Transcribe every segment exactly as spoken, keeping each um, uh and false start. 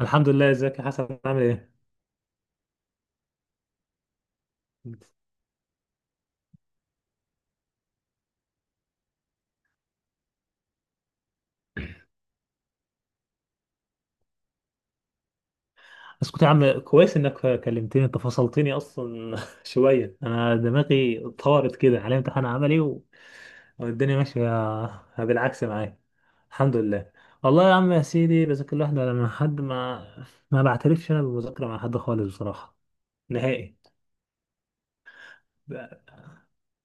الحمد لله. ازيك يا حسن؟ عامل ايه؟ بس كنت يا عم كويس انك كلمتني. انت فصلتني اصلا شويه. انا دماغي طارت كده على امتحان عملي و- والدنيا ماشيه بالعكس معايا الحمد لله. والله يا عم يا سيدي بذاكر لوحدي ولا مع حد. ما ما بعترفش انا بالمذاكره مع حد خالص بصراحه. نهائي.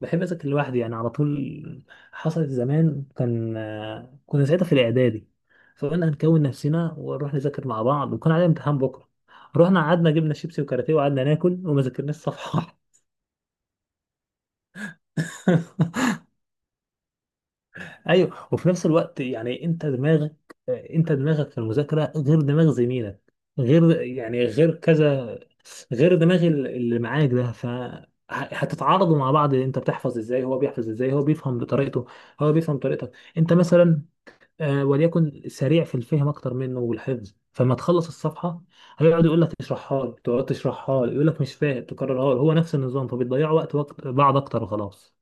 بحب اذاكر لوحدي يعني على طول. حصلت زمان. كان آه، كنا ساعتها في الاعدادي. فقلنا هنكون نفسنا ونروح نذاكر مع بعض وكان علينا امتحان بكره. رحنا قعدنا جبنا شيبسي وكاراتيه وقعدنا ناكل وما ذاكرناش صفحه واحدة. ايوه. وفي نفس الوقت يعني انت دماغك آه، انت دماغك في المذاكره غير دماغ زميلك. غير يعني غير كذا. غير دماغ ال- اللي معاك ده. ف ه- هتتعارضوا مع بعض. انت بتحفظ ازاي، هو بيحفظ ازاي. هو بيفهم بطريقته. هو بيفهم طريقتك. انت مثلا آه، وليكن سريع في الفهم اكتر منه والحفظ. فما تخلص الصفحه هيقعد يقول لك اشرحها لي. تقعد تشرحها لي يقول لك مش فاهم. تكررها لي هو نفس النظام. فبتضيعوا وقت وقت بعض اكتر وخلاص.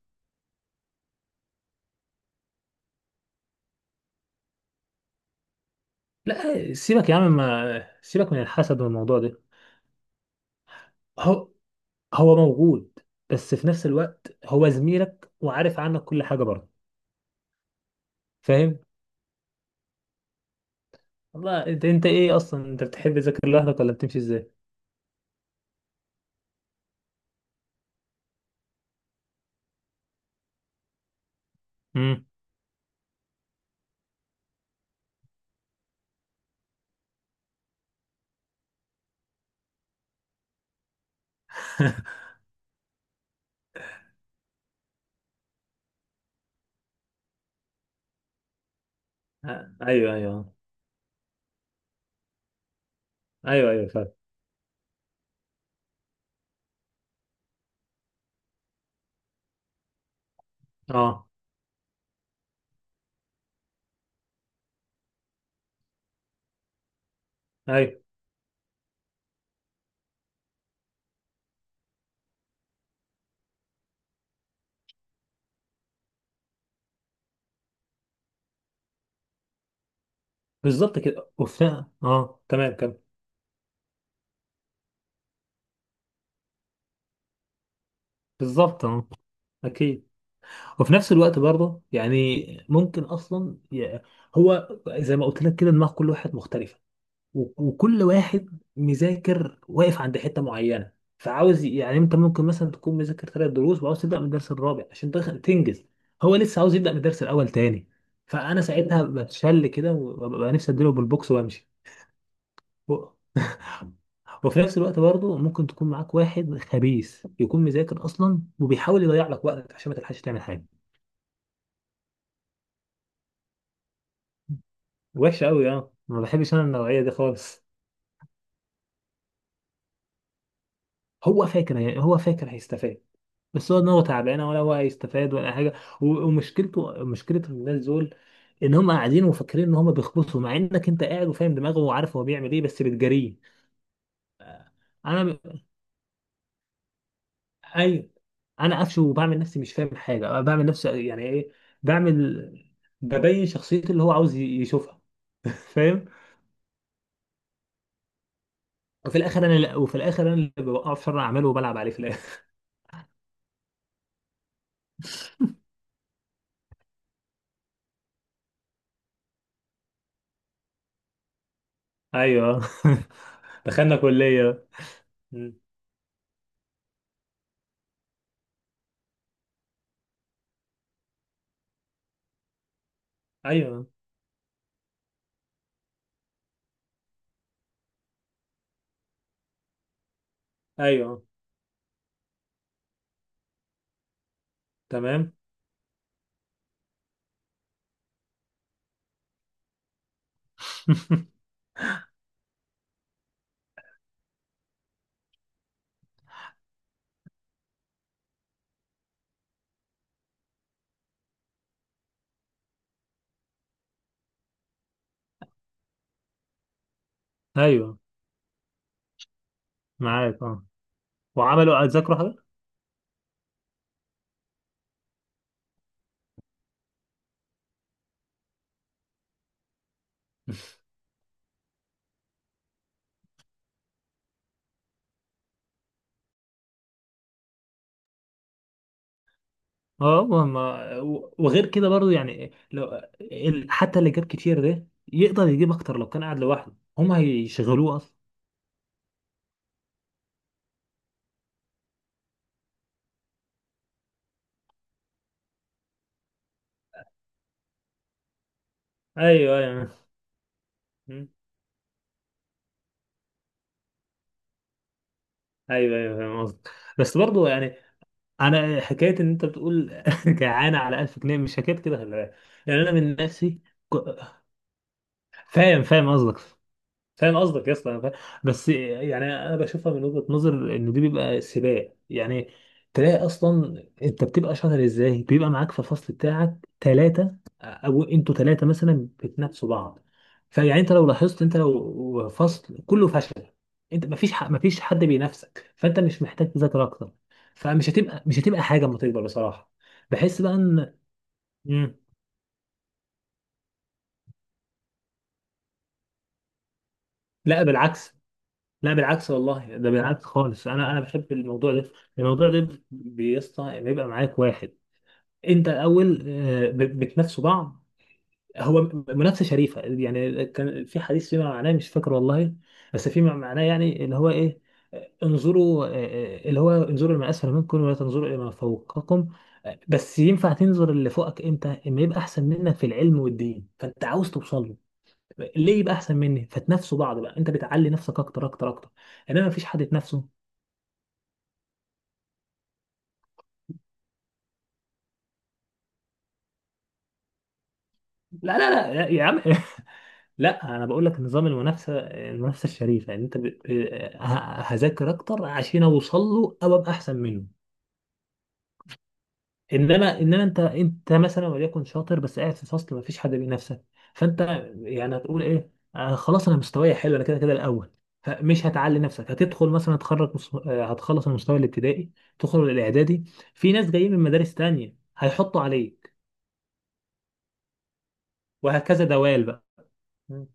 لا سيبك يا عم، ما سيبك من الحسد والموضوع ده. هو هو موجود. بس في نفس الوقت هو زميلك وعارف عنك كل حاجه برضه. فاهم. والله انت انت ايه اصلا؟ انت بتحب تذاكر لوحدك ولا بتمشي ازاي؟ امم. آه. ايوه ايوه ايوه ايوه. فعلا. اه. ايوه بالظبط كده. وفي اه تمام. كمل. بالظبط. اه اكيد. وفي نفس الوقت برضه يعني ممكن اصلا ي- هو زي ما قلت لك كده. دماغ كل واحد مختلفه. و- وكل واحد مذاكر واقف عند حته معينه. فعاوز يعني انت ممكن مثلا تكون مذاكر ثلاث دروس وعاوز تبدا من الدرس الرابع عشان تخ- تنجز. هو لسه عاوز يبدا من الدرس الاول تاني. فانا ساعتها بتشل كده وببقى نفسي اديله بالبوكس وامشي. و- وفي نفس الوقت برضه ممكن تكون معاك واحد خبيث يكون مذاكر اصلا وبيحاول يضيع لك وقتك عشان ما تلحقش تعمل حاجه. وحشة أوي. أه. ما بحبش أنا النوعية دي خالص. هو فاكر يعني هو فاكر هيستفاد. بس هو دماغه تعبانة، ولا هو هيستفاد ولا حاجة. و- ومشكلته مشكلة الناس دول، إن هم قاعدين وفاكرين إن هم بيخبطوا، مع إنك أنت قاعد وفاهم دماغه وعارف هو بيعمل إيه، بس بتجاريه. أنا ب... أيوه. أنا قفشه وبعمل نفسي مش فاهم حاجة. أه، بعمل نفسي يعني إيه. بعمل ببين شخصيته اللي هو عاوز ي- يشوفها. فاهم؟ وفي الآخر أنا اللي- وفي الآخر أنا اللي بوقعه في شر أعماله وبلعب عليه في الآخر. ايوه. دخلنا كلية. م. ايوه ايوه. تمام. ايوه. معاك. اه. وعملوا اتذكروا حاجة؟ اه. وما- و- وغير كده برضو يعني لو ال- حتى اللي جاب كتير ده يقدر يجيب اكتر لو كان قاعد لوحده. هم هيشغلوه اصلا. ايوه ايوه. م. ايوه ايوه. فاهم قصدك. بس برضو يعني انا حكايه ان انت بتقول جعانه على ألف جنيه مش حكايه كده، خلي بالك. يعني انا من نفسي. ك- فاهم فاهم قصدك. فاهم قصدك يا اسطى، أنا فاهم. بس يعني انا بشوفها من وجهة نظر ان دي بيبقى سباق يعني. تلاقي اصلا انت بتبقى شاطر ازاي، بيبقى معاك في الفصل بتاعك ثلاثة، او انتوا ثلاثة مثلا بتنافسوا بعض. فيعني انت لو لاحظت انت لو فصل كله فشل، انت مفيش حق مفيش حد بينافسك. فانت مش محتاج تذاكر اكتر. فمش هتبقى مش هتبقى حاجة لما تكبر بصراحة. بحس بقى ان مم. لا بالعكس. لا بالعكس والله، ده بالعكس خالص. انا انا بحب الموضوع ده. الموضوع ده بيسطى بيبقى معاك واحد. انت الاول آه، ب- بتنافسوا بعض. هو م- منافسه شريفه. يعني كان في حديث فيما معناه، مش فاكر والله، بس فيما معناه يعني اللي هو ايه. آه، انظروا آه، آه، اللي هو انظروا لما اسفل منكم ولا تنظروا الى ما فوقكم. آه، بس ينفع تنظر اللي فوقك امتى؟ اما يبقى احسن منك في العلم والدين فانت عاوز توصل له. ليه يبقى احسن مني؟ فتنافسوا بعض بقى. انت بتعلي نفسك اكتر اكتر اكتر. انما مفيش حد يتنافسه. لا لا لا لا يا عم. لا انا بقول لك نظام المنافسه المنافسه الشريفه. ان انت ب... آه، ه- هذاكر اكتر عشان اوصل له او ابقى احسن منه. انما انما انت انت مثلا وليكن شاطر بس قاعد في فصل ما فيش حد بينافسك. فانت يعني هتقول ايه؟ آه خلاص انا مستواي حلو. انا كده كده الاول. فمش هتعلي نفسك. هتدخل مثلا. تخرج مس- آه، هتخلص المستوى الابتدائي. تدخل الاعدادي. في ناس جايين من مدارس تانية هيحطوا عليك. وهكذا دوال بقى. مم.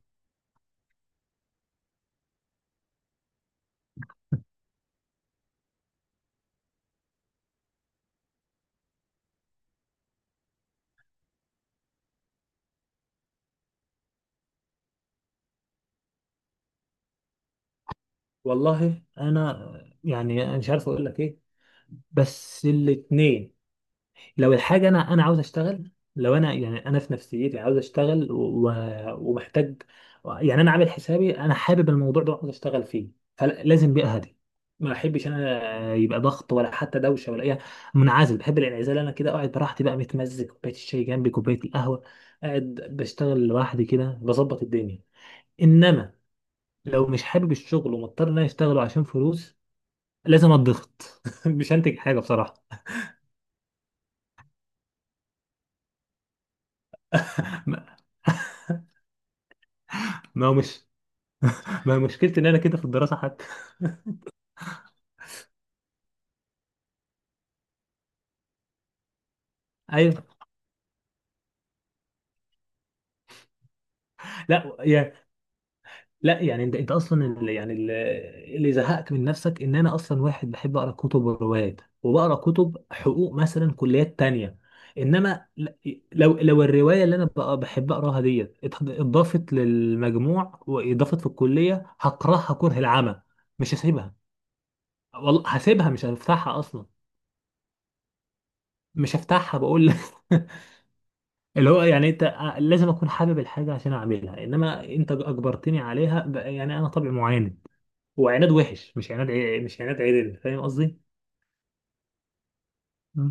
والله انا يعني أنا مش عارف اقول لك ايه. بس الاتنين. لو الحاجة أنا أنا عاوز أشتغل. لو أنا يعني أنا في نفسيتي عاوز أشتغل و... ومحتاج. يعني أنا عامل حسابي. أنا حابب الموضوع ده وعاوز أشتغل فيه. فلازم بيئة هادية. ما بحبش أنا يبقى ضغط ولا حتى دوشة ولا أي. منعزل. بحب الانعزال. أنا كده قاعد براحتي بقى، متمزج، كوباية الشاي جنبي، كوباية القهوة. قاعد بشتغل لوحدي كده، بظبط الدنيا. إنما لو مش حابب الشغل ومضطر إن أنا أشتغله عشان فلوس، لازم أتضغط. مش هنتج حاجة بصراحة. ما ما هو مش ما مشكلتي ان انا كده في الدراسه حتى. ايوه. لا يا لا يعني انت انت اصلا اللي يعني اللي اللي زهقك من نفسك، ان انا اصلا واحد بحب اقرا كتب وروايات، وبقرا كتب حقوق مثلا كليات تانية. انما ل- لو لو الروايه اللي انا بقى- بحب اقراها ديت ات- اتضافت للمجموع واضافت في الكليه، هقراها كره العمى. مش هسيبها. والله هسيبها، مش هفتحها اصلا. مش هفتحها بقول لك. اللي هو يعني انت آه، لازم اكون حابب الحاجه عشان اعملها. انما انت اجبرتني عليها بقى يعني انا طبع معاند. وعناد وحش. مش عناد عي- مش عناد عدل. فاهم قصدي؟ مم.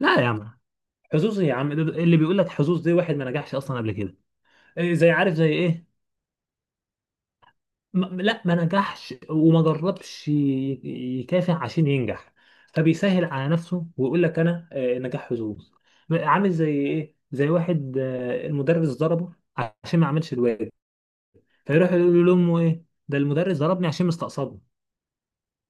لا يا عم. حظوظ يا عم، ده- ده اللي بيقول لك حظوظ دي واحد ما نجحش اصلا قبل كده. إيه؟ زي عارف زي ايه؟ ما لا ما نجحش وما جربش ي- يكافح عشان ينجح. فبيسهل على نفسه ويقول لك انا آه، نجاح حظوظ. عامل زي ايه؟ زي واحد آه، المدرس ضربه عشان ما عملش الواجب. فيروح يقول لامه ايه ده المدرس ضربني عشان مستقصده.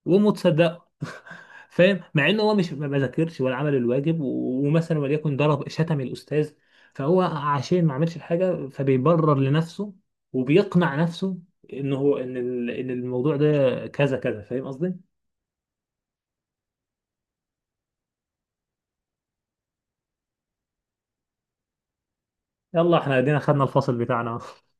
وامه تصدقه. فاهم؟ مع انه هو مش ما ما ذاكرش ولا عمل الواجب و- ومثلا وليكن ضرب شتم الاستاذ. فهو عشان ما عملش الحاجه فبيبرر لنفسه وبيقنع نفسه ان هو ان ال- ان الموضوع ده كذا كذا. فاهم قصدي؟ يلا احنا ادينا خدنا الفصل بتاعنا.